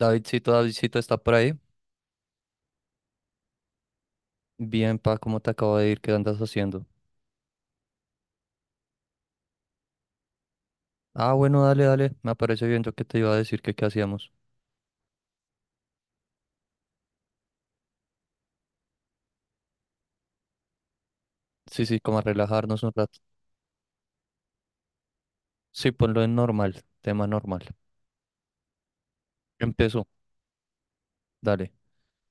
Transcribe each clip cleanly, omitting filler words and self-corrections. Davidcito, Davidcito está por ahí. Bien, pa, ¿cómo te acabo de ir? ¿Qué andas haciendo? Ah, bueno, dale, dale. Me parece bien. Yo que te iba a decir que qué hacíamos. Sí, sí, como a relajarnos un rato. Sí, ponlo en normal, tema normal. Empezó, dale.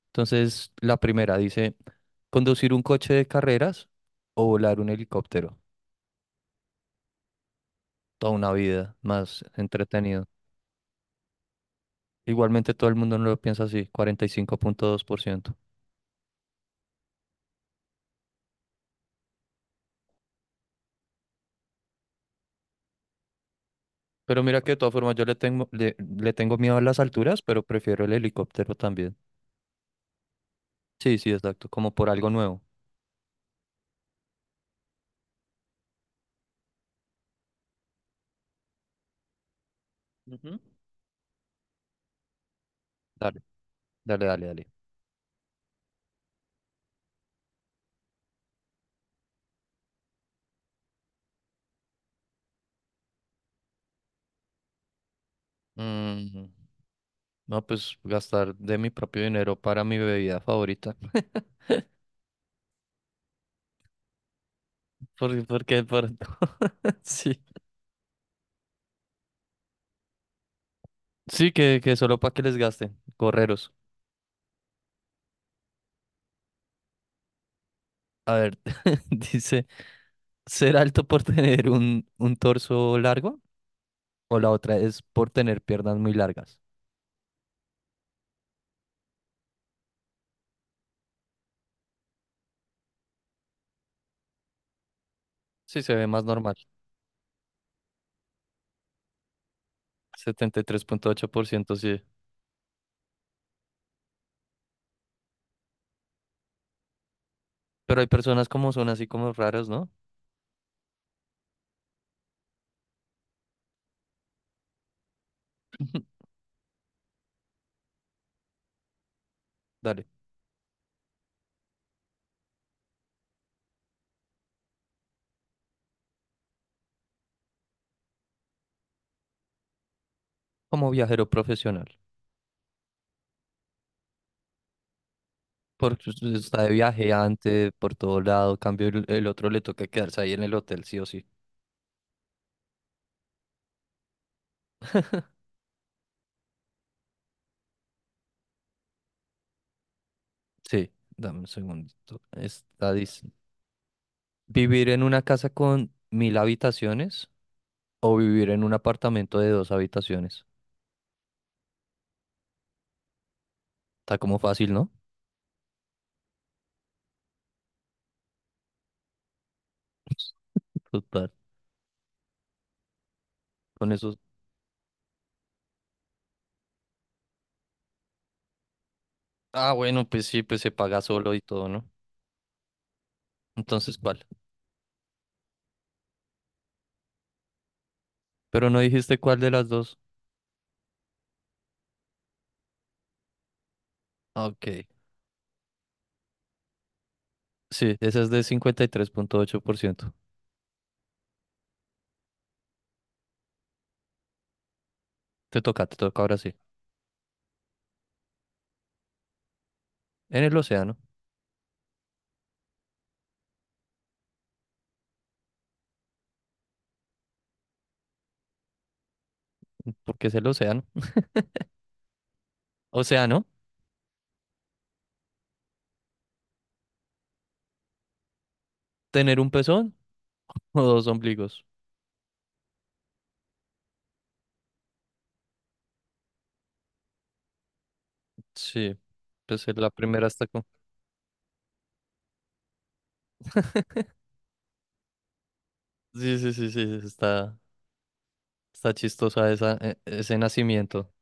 Entonces, la primera dice, conducir un coche de carreras o volar un helicóptero. Toda una vida más entretenido. Igualmente todo el mundo no lo piensa así, 45.2%. Pero mira que de todas formas yo le tengo miedo a las alturas, pero prefiero el helicóptero también. Sí, sí, exacto, como por algo nuevo. Ujú. Dale, dale, dale, dale. Mm, no, pues gastar de mi propio dinero para mi bebida favorita. ¿Por qué? Por. Sí. Sí, que solo para que les gasten. Correros. A ver, dice, ¿ser alto por tener un torso largo? O la otra es por tener piernas muy largas. Sí, se ve más normal. 73.8% sí. Pero hay personas como son así como raras, ¿no? Dale. Como viajero profesional. Porque usted está de viaje antes, por todo lado. Cambio, el otro le toca quedarse ahí en el hotel, sí o sí. Sí, dame un segundito. Está, dice, ¿vivir en una casa con mil habitaciones o vivir en un apartamento de dos habitaciones? Está como fácil, ¿no? Total, con eso. Ah, bueno, pues sí, pues se paga solo y todo, ¿no? Entonces, ¿cuál? Pero no dijiste cuál de las dos. Ah, ok, sí, esa es de 53.8%. Te toca ahora sí. En el océano, porque es el océano. O sea, ¿no? ¿Tener un pezón o dos ombligos? Sí, pues la primera está con. Sí, sí, sí, sí, está chistosa esa, ese nacimiento.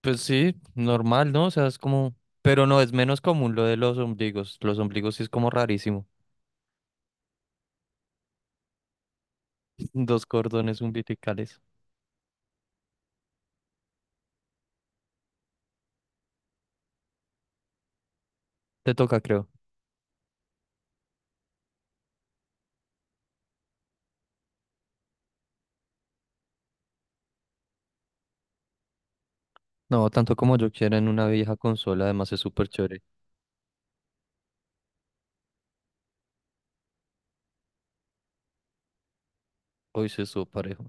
Pues sí, normal, ¿no? O sea, es como. Pero no, es menos común lo de los ombligos. Los ombligos sí es como rarísimo. Dos cordones umbilicales. Te toca, creo. No, tanto como yo quiera en una vieja consola, además es súper chévere. Hoy se estuvo parejo.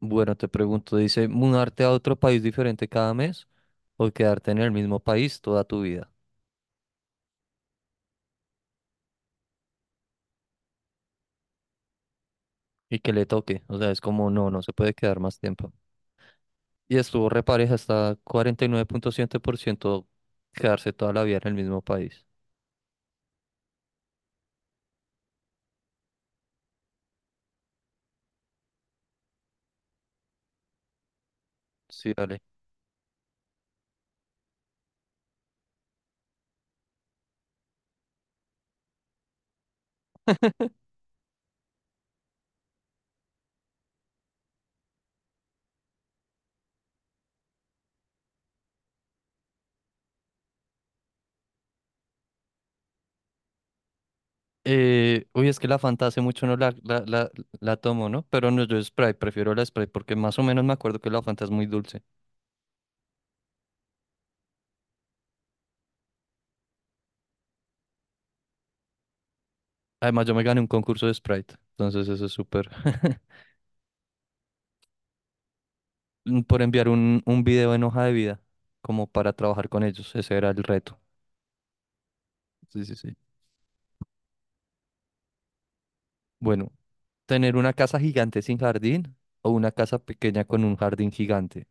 Bueno, te pregunto, dice, ¿mudarte a otro país diferente cada mes o quedarte en el mismo país toda tu vida? Y que le toque, o sea, es como no, no se puede quedar más tiempo. Y estuvo repareja hasta 49.7% quedarse toda la vida en el mismo país. Sí, dale. Uy, es que la Fanta hace mucho no la tomo, ¿no? Pero no, yo Sprite, prefiero la Sprite porque más o menos me acuerdo que la Fanta es muy dulce. Además, yo me gané un concurso de Sprite, entonces eso es súper. Por enviar un video en hoja de vida, como para trabajar con ellos, ese era el reto. Sí, sí, sí. Bueno, tener una casa gigante sin jardín o una casa pequeña con un jardín gigante.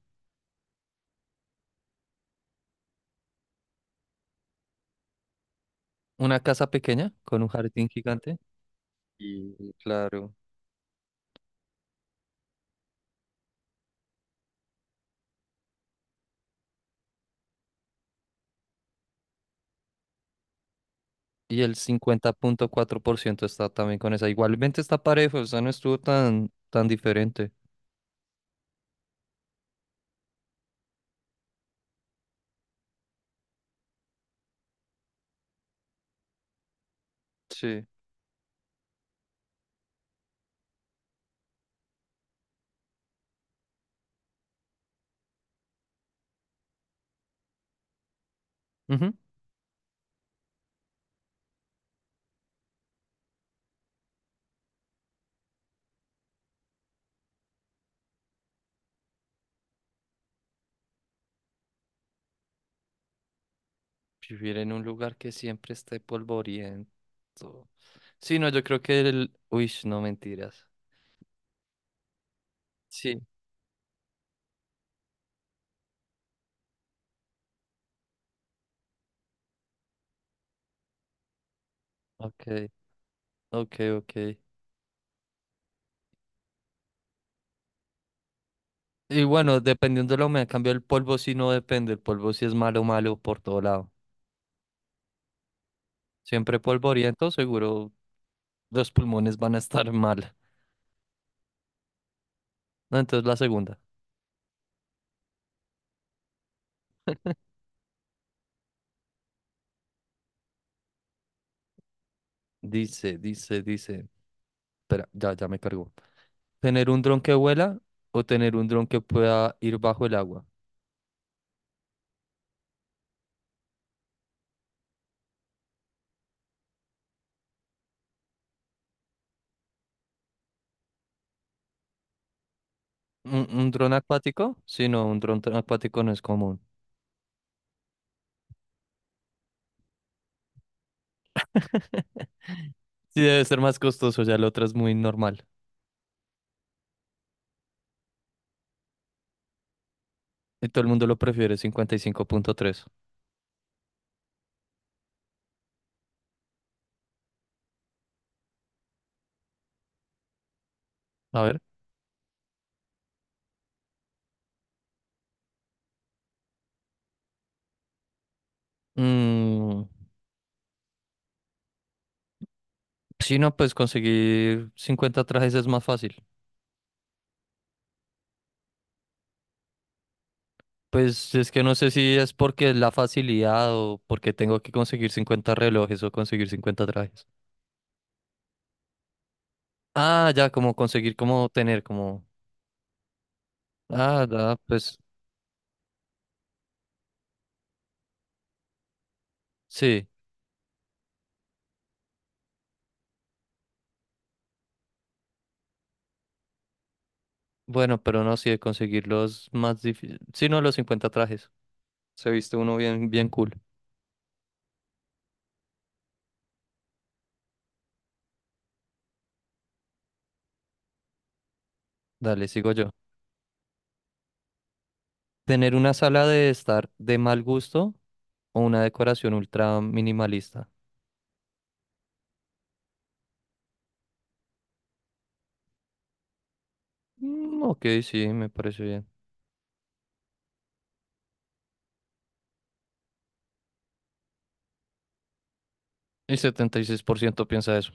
Una casa pequeña con un jardín gigante. Y claro. Y el 50.4% está también con esa. Igualmente está parejo, o sea, no estuvo tan, tan diferente. Sí. Ujú. Vivir en un lugar que siempre esté polvoriento. Sí, no, yo creo que el. Uy, no mentiras. Sí. Ok, ok, ok. Y bueno, dependiendo de la humedad, en cambio el polvo sí no depende. El polvo sí es malo, malo por todo lado. Siempre polvoriento, seguro los pulmones van a estar mal. No, entonces la segunda. Dice. Espera, ya, ya me cargó. ¿Tener un dron que vuela o tener un dron que pueda ir bajo el agua? ¿Un dron acuático? Sí, no, un dron acuático no es común. Sí, debe ser más costoso, ya la otra es muy normal. Y todo el mundo lo prefiere, 55.3. A ver. Mm, sí, no, pues conseguir 50 trajes es más fácil. Pues es que no sé si es porque es la facilidad o porque tengo que conseguir 50 relojes o conseguir 50 trajes. Ah, ya, como conseguir, como tener, como. Ah, da, pues sí. Bueno, pero no, sí, de conseguir los más difíciles. Sí, no, los 50 trajes. Se viste uno bien, bien cool. Dale, sigo yo. Tener una sala de estar de mal gusto o una decoración ultra minimalista. Mm, ok, sí, me parece bien. El 76% piensa eso.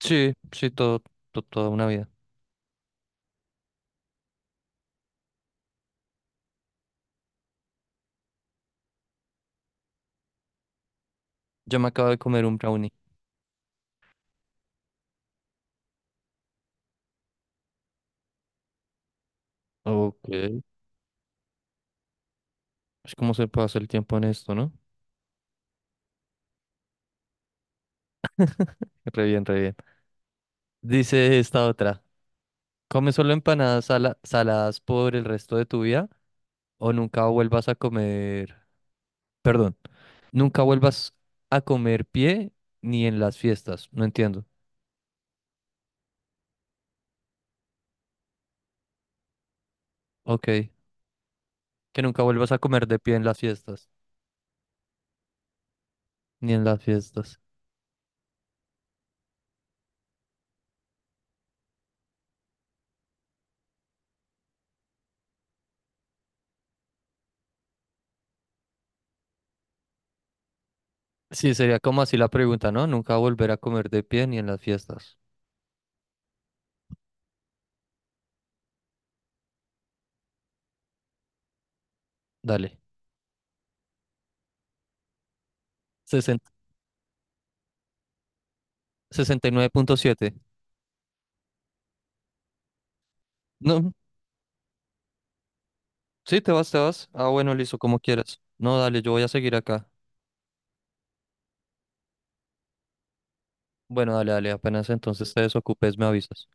Sí, sí, todo, toda una vida. Yo me acabo de comer un brownie. Ok. Es como se pasa el tiempo en esto, ¿no? Re bien, re bien. Dice esta otra. ¿Come solo empanadas saladas por el resto de tu vida o nunca vuelvas a comer. Perdón, nunca vuelvas a comer pie ni en las fiestas? No entiendo. Ok. Que nunca vuelvas a comer de pie en las fiestas. Ni en las fiestas. Sí, sería como así la pregunta, ¿no? Nunca volver a comer de pie ni en las fiestas. Dale. sesenta 69.7. No, sí, te vas, te vas. Ah, bueno, listo, como quieras. No, dale, yo voy a seguir acá. Bueno, dale, dale, apenas entonces te desocupes, me avisas.